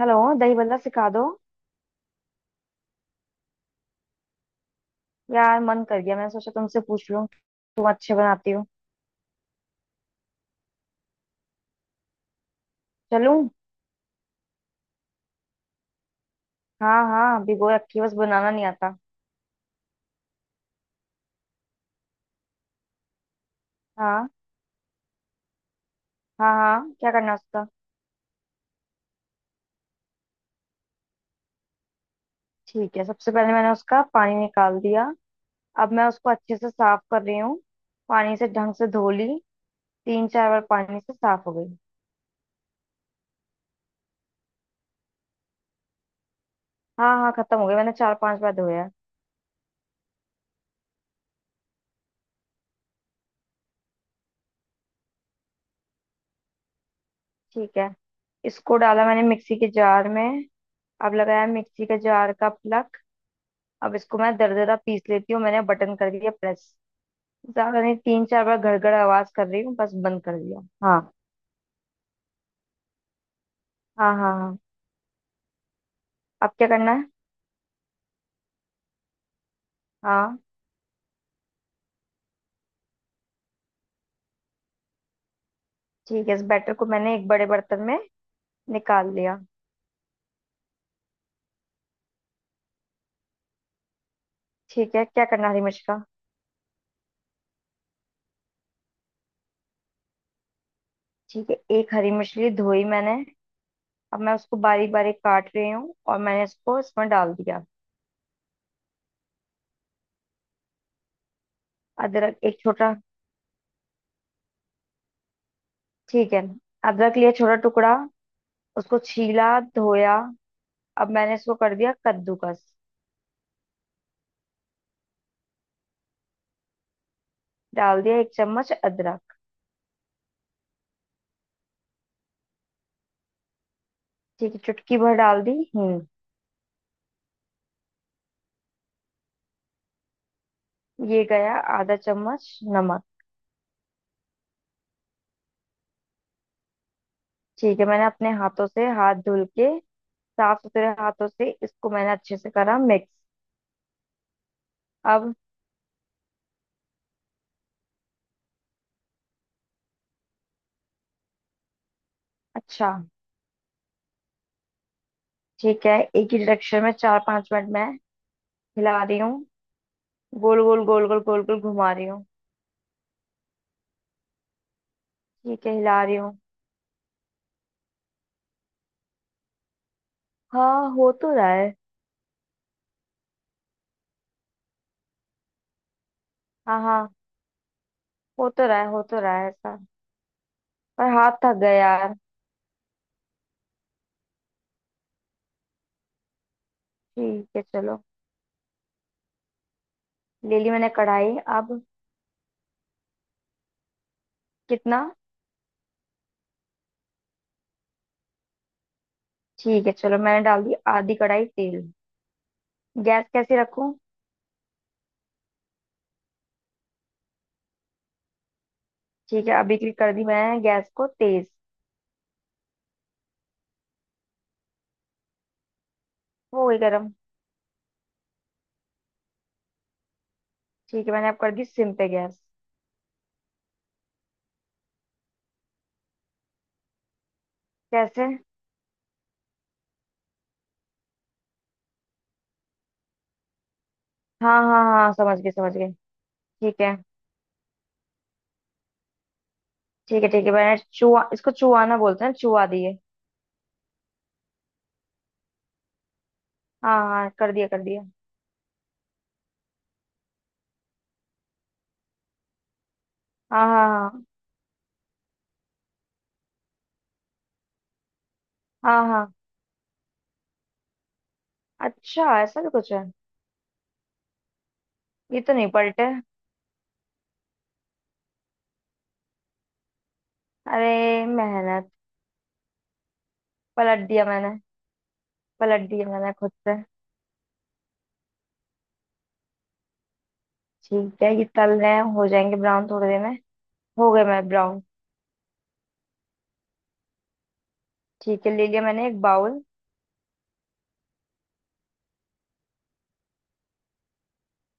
Hello. दही बल्ला सिखा दो। यार, मन कर गया, मैंने सोचा तुमसे पूछ लूं, तुम अच्छे बनाती हो। चलूं। हाँ हाँ, भिगो रखी है, बस बनाना नहीं आता। हाँ हाँ हाँ, क्या करना है उसका। ठीक है, सबसे पहले मैंने उसका पानी निकाल दिया। अब मैं उसको अच्छे से साफ कर रही हूँ। पानी से ढंग से धो ली। 3-4 बार पानी से साफ हो गई। हाँ हाँ, खत्म हो गई, मैंने 4-5 बार धोया है। ठीक है। इसको डाला मैंने मिक्सी के जार में। अब लगाया मिक्सी के जार का प्लग। अब इसको मैं दरदरा पीस लेती हूँ, मैंने बटन कर दिया प्रेस। ज्यादा नहीं, 3-4 बार गड़गड़ आवाज कर रही हूँ, बस बंद कर दिया। हाँ हाँ हाँ हाँ। अब क्या करना है। हाँ। ठीक है, इस बैटर को मैंने एक बड़े बर्तन में निकाल लिया। ठीक है, क्या करना है हरी मिर्च का। ठीक है, एक हरी मिर्च ली, धोई मैंने। अब मैं उसको बारीक बारीक काट रही हूँ और मैंने इसको इसमें डाल दिया। अदरक एक छोटा। ठीक है। अदरक लिया छोटा टुकड़ा। उसको छीला। धोया। अब मैंने इसको कर दिया कद्दूकस। डाल दिया एक चम्मच अदरक। ठीक है, चुटकी भर डाल दी हींग। ये गया आधा चम्मच नमक। ठीक है, मैंने अपने हाथों से, हाथ धुल के, साफ सुथरे हाथों से इसको मैंने अच्छे से करा मिक्स। अब। अच्छा। ठीक है, एक ही डायरेक्शन में 4-5 मिनट मैं हिला रही हूँ। गोल गोल गोल गोल गोल गोल घुमा रही हूँ। ठीक है, हिला रही हूँ। हाँ, हो तो रहा है। हाँ हाँ। हो तो रहा है, हो तो रहा है ऐसा। पर हाथ थक गया यार। ठीक है, चलो। ले ली मैंने कढ़ाई अब। कितना। ठीक है, चलो, मैंने डाल दी आधी कढ़ाई तेल। गैस कैसे रखूं। ठीक है, अभी क्लिक कर दी मैंने गैस को तेज। वो हो गई गर्म। ठीक है, मैंने अब कर दी सिम पे गैस। कैसे। हाँ हाँ हाँ, समझ गई समझ गई। ठीक है ठीक है। ठीक है, मैंने चुआ, इसको चुआना बोलते हैं, चुआ दिए। हाँ हाँ, कर दिया कर दिया। हाँ हाँ हाँ। हाँ हाँ। अच्छा, ऐसा भी कुछ है। ये तो नहीं पलटे। अरे, मेहनत। पलट दिया मैंने। पलट दिया मैंने खुद से। ठीक है, ये तल रहे हैं, हो जाएंगे ब्राउन थोड़ी देर में। हो गए मैं ब्राउन। ठीक है, ले लिया मैंने एक बाउल।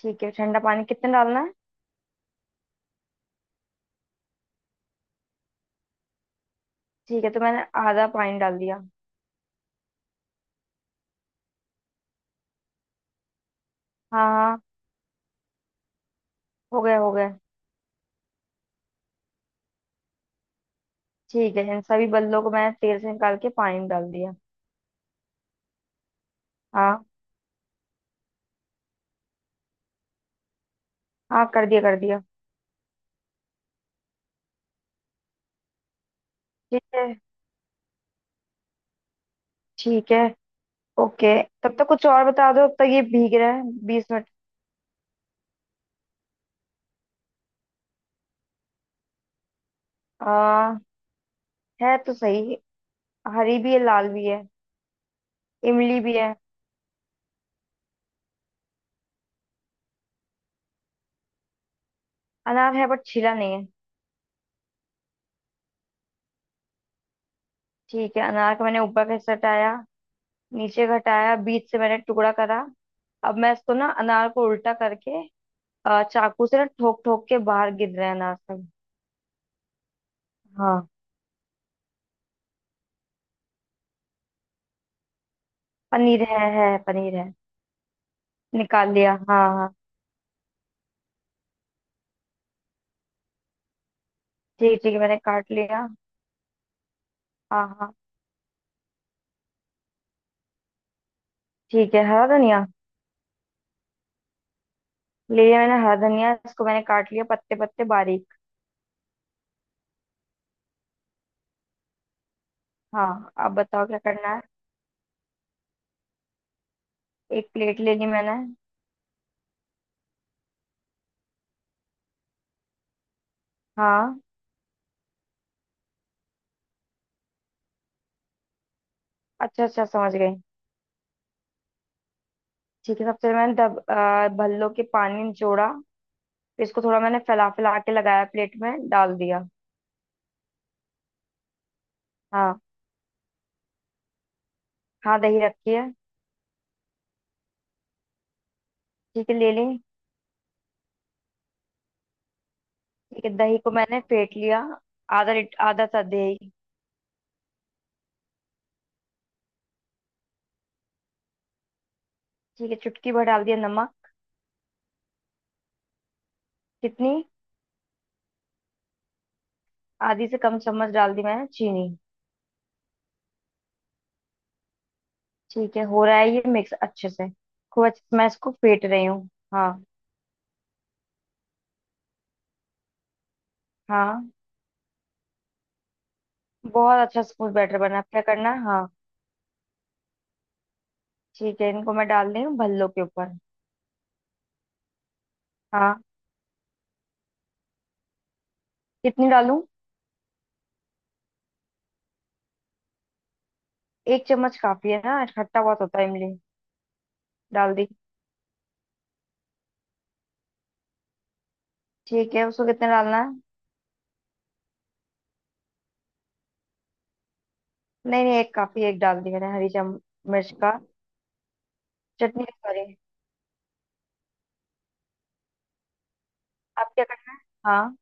ठीक है, ठंडा पानी कितना डालना है। ठीक है, तो मैंने आधा पानी डाल दिया। हाँ हाँ, हो गया हो गया। ठीक है, इन सभी बल्लों को मैंने तेल से निकाल के पानी में डाल दिया। हाँ हाँ, कर दिया कर दिया। ठीक है ठीक है। ओके। तब तक कुछ और बता दो, तब तक ये भीग रहा है 20 मिनट। आ, है तो सही। हरी भी है, लाल भी है। इमली भी है। अनार है, बट छिला नहीं है। ठीक है, अनार का मैंने ऊपर का हिस्सा हटाया। नीचे का हटाया, बीच से मैंने टुकड़ा करा। अब मैं इसको ना, अनार को उल्टा करके, चाकू से ना, ठोक ठोक के बाहर गिर रहे हैं अनार सब। हाँ। पनीर है पनीर है। निकाल लिया, हाँ हाँ। ठीक ठीक है, मैंने काट लिया। हाँ हाँ। ठीक है, हरा धनिया। ले लिया मैंने हरा धनिया, इसको मैंने काट लिया पत्ते पत्ते बारीक। हाँ, अब बताओ क्या करना है। एक प्लेट ले ली मैंने। हाँ। अच्छा अच्छा, समझ गई। ठीक है, सबसे पहले मैंने भल्लो के पानी निचोड़ा। फिर इसको थोड़ा मैंने फैला फैला के लगाया, प्लेट में डाल दिया। हाँ। हाँ, दही रखी है। ठीक है, ले ली। ठीक है, दही को मैंने फेंट लिया। आधा सा दही। ठीक है, चुटकी भर डाल दिया नमक। कितनी। आधी से कम चम्मच डाल दी मैंने चीनी। ठीक है, हो रहा है ये मिक्स अच्छे से। खूब अच्छे से मैं इसको फेंट रही हूँ। हाँ। हाँ। बहुत अच्छा स्मूथ बैटर बना है। अब क्या करना है, हाँ। ठीक है, इनको मैं डाल रही हूँ भल्लों के ऊपर। हाँ। कितनी डालूं। एक चम्मच काफी है ना, खट्टा बहुत होता है इमली। डाल दी। ठीक है, उसको कितना डालना है। नहीं नहीं, एक काफी, एक डाल दी मैंने हरी चम मिर्च का चटनी का, सॉरी। अब क्या करना है। हाँ।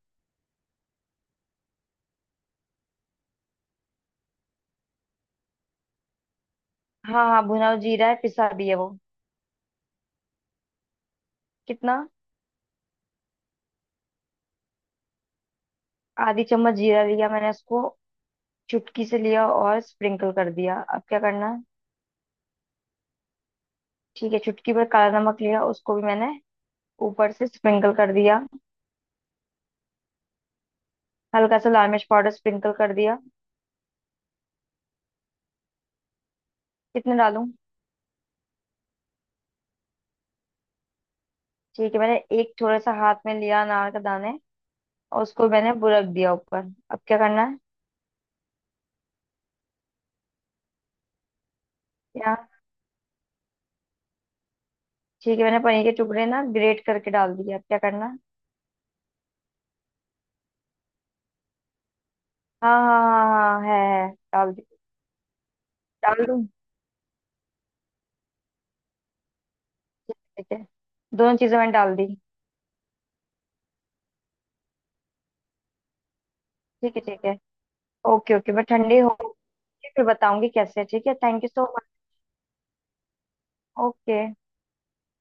हाँ हाँ। भुना हुआ जीरा है, पिसा भी है वो। कितना। आधी चम्मच जीरा लिया मैंने उसको। चुटकी से लिया और स्प्रिंकल कर दिया, अब क्या करना है? ठीक है, चुटकी भर काला नमक लिया उसको भी मैंने ऊपर से स्प्रिंकल कर दिया। हल्का सा लाल मिर्च पाउडर स्प्रिंकल कर दिया। कितने डालूं। ठीक है, मैंने एक थोड़ा सा हाथ में लिया अनार का दाने और उसको मैंने बुरक दिया ऊपर। अब क्या करना है। यहाँ। ठीक है, मैंने पनीर के टुकड़े ना ग्रेट करके डाल दिया, अब क्या करना है? हाँ हाँ हाँ हाँ, है डाल दी। डाल दूं। ठीक है ठीक है। दोनों चीजें मैंने डाल दी। ठीक है ठीक है, ओके ओके, मैं ठंडी हो फिर बताऊंगी कैसे। ठीक है, थैंक यू सो। ओके।